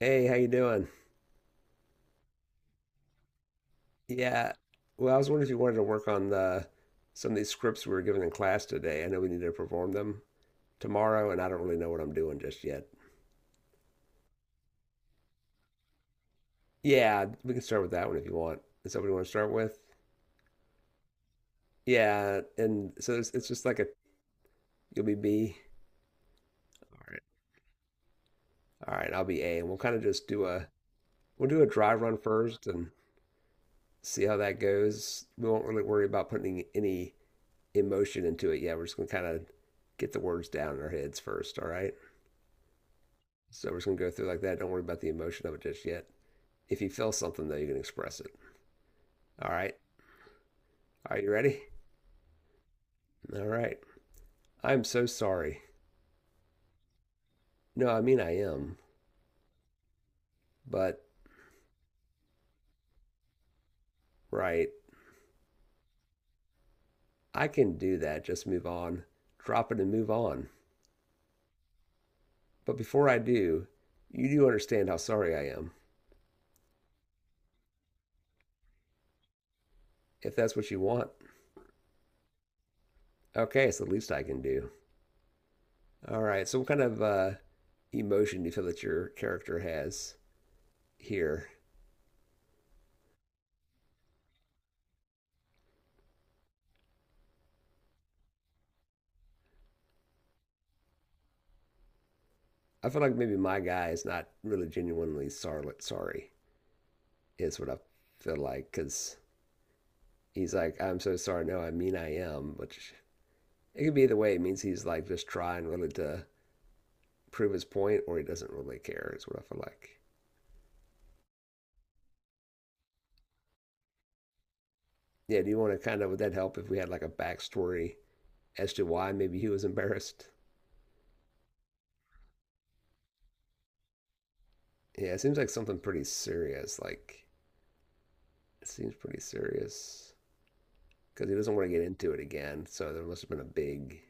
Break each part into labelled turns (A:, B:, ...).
A: Hey, how you doing? Yeah. Well, I was wondering if you wanted to work on the some of these scripts we were given in class today. I know we need to perform them tomorrow, and I don't really know what I'm doing just yet. Yeah, we can start with that one if you want. Is that what you want to start with? Yeah, and so it's just like a you'll be B. All right. All right, I'll be A, and we'll kind of just do a we'll do a dry run first and see how that goes. We won't really worry about putting any emotion into it yet. We're just gonna kind of get the words down in our heads first. All right. So we're just going to go through like that. Don't worry about the emotion of it just yet. If you feel something, though, you can express it. All right. Are you ready? All right. I'm so sorry. No, I mean, I am. But, right. I can do that. Just move on. Drop it and move on. But before I do, you do understand how sorry I am. If that's what you want. Okay. It's the least I can do. All right. So, what kind of emotion do you feel that your character has here? I feel like maybe my guy is not really genuinely sorry. Is what I feel like because he's like, I'm so sorry. No, I mean, I am, which it could be the way it means he's like just trying really to prove his point or he doesn't really care, is what I feel like. Yeah, do you want to kind of, would that help if we had like a backstory as to why maybe he was embarrassed? Yeah, it seems like something pretty serious. Like, it seems pretty serious because he doesn't want to get into it again. So there must have been a big,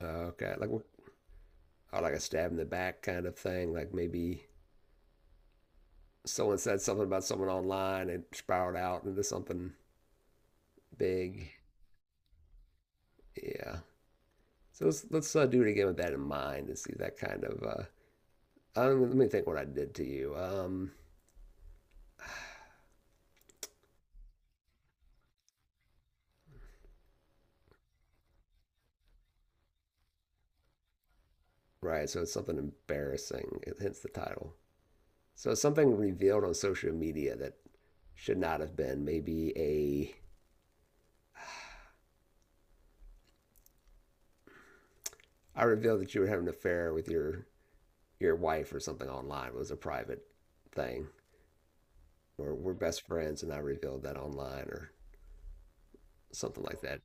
A: okay, like, oh, like a stab in the back kind of thing. Like maybe someone said something about someone online and it spiraled out into something big. Yeah. So let's do it again with that in mind and see that kind of. Let me think what I did to you. Right. So it's something embarrassing. Hence the title. So it's something revealed on social media that should not have been. Maybe a I revealed that you were having an affair with your wife or something online. It was a private thing. Or we're best friends, and I revealed that online or something like that.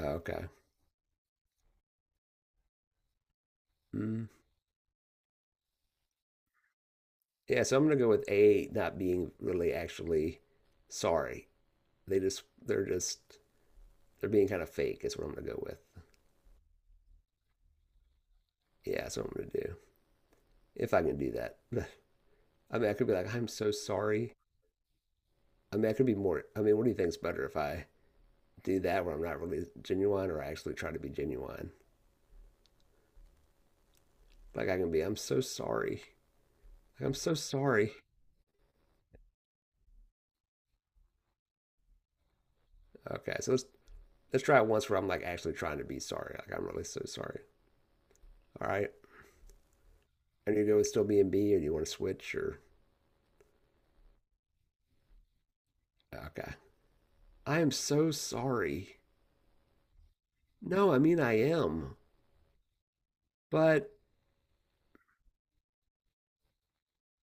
A: Okay. Mm. Yeah, so I'm gonna go with A not being really actually sorry. They're just they're being kind of fake is what I'm gonna go with. Yeah, that's what I'm gonna do. If I can do that. I mean I could be like, I'm so sorry. I mean I could be more I mean, what do you think's better if I do that where I'm not really genuine or I actually try to be genuine? Like I can be, I'm so sorry. Like I'm so sorry. Okay, so let's try it once where I'm like actually trying to be sorry. Like I'm really so sorry. All right. And you go with still being B or do you want to switch or okay. I am so sorry. No, I mean, I am. But,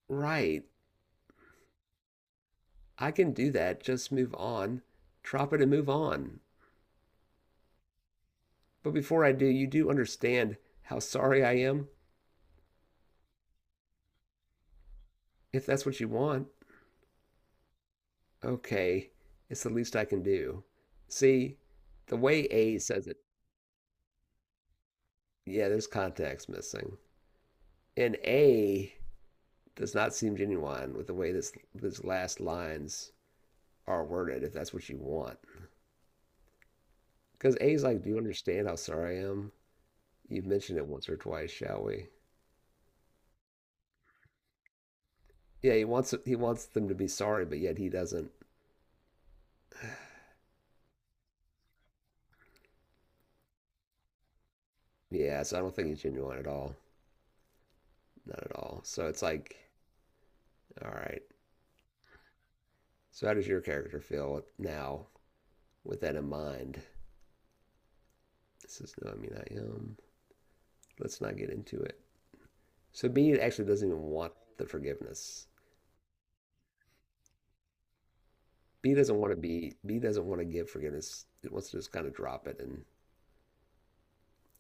A: right, I can do that. Just move on. Drop it and move on. But before I do, you do understand how sorry I am? If that's what you want, okay. It's the least I can do. See, the way A says it, yeah, there's context missing. And A does not seem genuine with the way this last lines are worded, if that's what you want. Because A's like, do you understand how sorry I am? You mentioned it once or twice, shall we? Yeah, he wants them to be sorry, but yet he doesn't. Yeah, so I don't think he's genuine at all. Not at all. So it's like, all right. So how does your character feel now with that in mind? This is no, I mean, I am. Let's not get into it. So B actually doesn't even want the forgiveness. B doesn't want to be. B doesn't want to give forgiveness. It wants to just kind of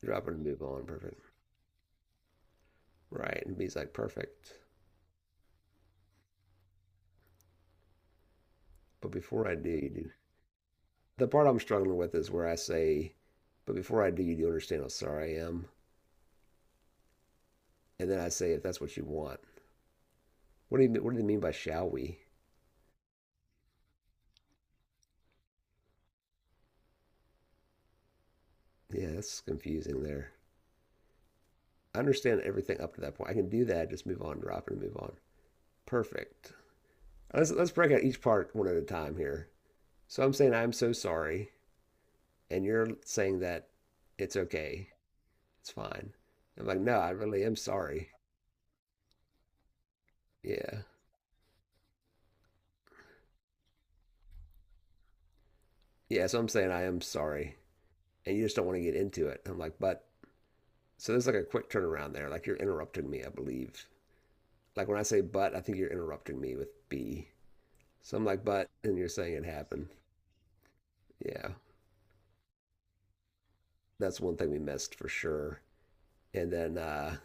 A: drop it and move on. Perfect. Right. And B's like, perfect. But before I do, you do The part I'm struggling with is where I say, "But before I do, you do understand how sorry I am," and then I say, "If that's what you want." What do you What do they mean by "shall we"? Yeah, that's confusing. There, I understand everything up to that point. I can do that. Just move on, drop it, and move on. Perfect. Let's break out each part one at a time here. So I'm saying I'm so sorry, and you're saying that it's okay, it's fine. I'm like, no, I really am sorry. Yeah, yeah. So I'm saying I am sorry, and you just don't want to get into it. I'm like, but So there's like a quick turnaround there. Like you're interrupting me, I believe. Like when I say but, I think you're interrupting me with B. So I'm like, but, and you're saying it happened. Yeah, that's one thing we missed for sure. And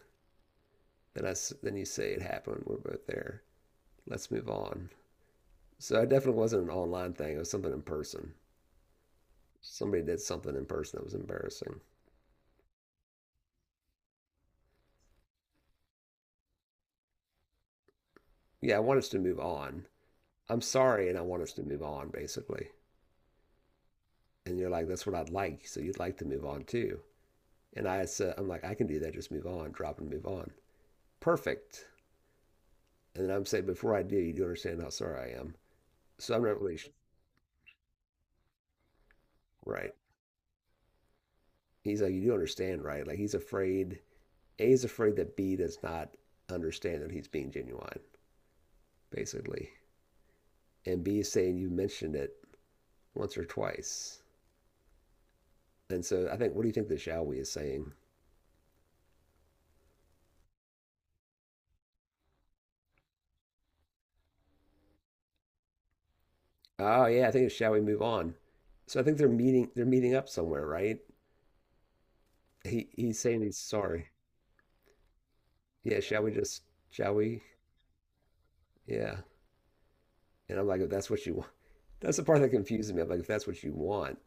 A: then I, then you say it happened. We're both there. Let's move on. So it definitely wasn't an online thing. It was something in person. Somebody did something in person that was embarrassing. Yeah, I want us to move on. I'm sorry, and I want us to move on, basically. And you're like, that's what I'd like. So you'd like to move on too. And I said, I'm like, I can do that. Just move on, drop and move on. Perfect. And then I'm saying, before I do, you do understand how sorry I am. So I'm not really sh- right. He's like, you do understand, right? Like he's afraid. A he's afraid that B does not understand that he's being genuine, basically. And B is saying you mentioned it once or twice. And so I think, what do you think the shall we is saying? Oh yeah, I think it's shall we move on. So I think they're meeting. They're meeting up somewhere, right? He's saying he's sorry. Yeah, shall we just? Shall we? Yeah. And I'm like, if that's what you want, that's the part that confuses me. I'm like, if that's what you want,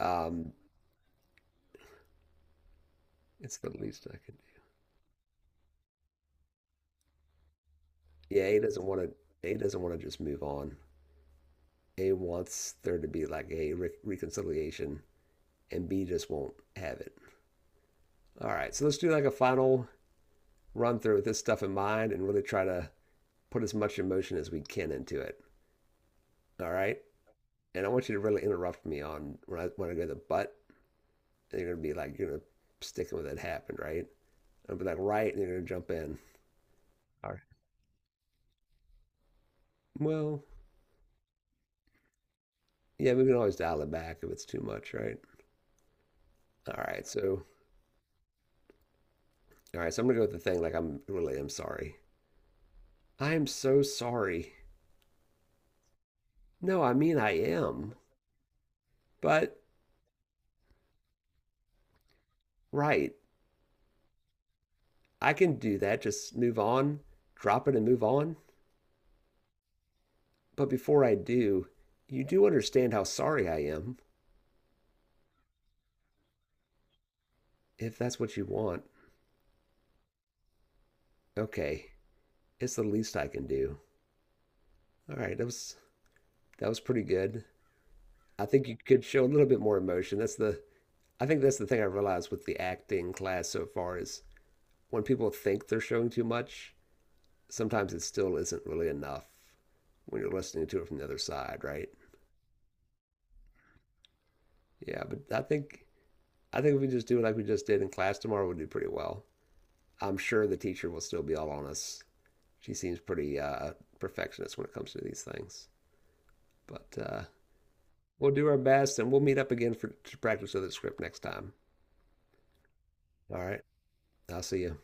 A: um, it's the least I can do. Yeah, A doesn't want to. A doesn't want to just move on. A wants there to be like a re reconciliation, and B just won't have it. All right, so let's do like a final run through with this stuff in mind, and really try to put as much emotion as we can into it. All right, and I want you to really interrupt me on when I go to the but. And you're gonna be like, you're gonna sticking with it happened, right? I'll be like, right, and you're gonna jump in. Well, yeah, we can always dial it back if it's too much, right? All right, so all right, so I'm gonna go with the thing like I'm really am sorry. I am so sorry. No, I mean I am. But right, I can do that. Just move on, drop it and move on. But before I do, you do understand how sorry I am, if that's what you want. Okay, it's the least I can do. All right, that was pretty good. I think you could show a little bit more emotion. That's the I think that's the thing I realized with the acting class so far is when people think they're showing too much, sometimes it still isn't really enough when you're listening to it from the other side, right? Yeah, but I think if we just do it like we just did in class tomorrow, we'll do pretty well. I'm sure the teacher will still be all on us. She seems pretty perfectionist when it comes to these things, but we'll do our best, and we'll meet up again for to practice with the script next time. All right, I'll see you.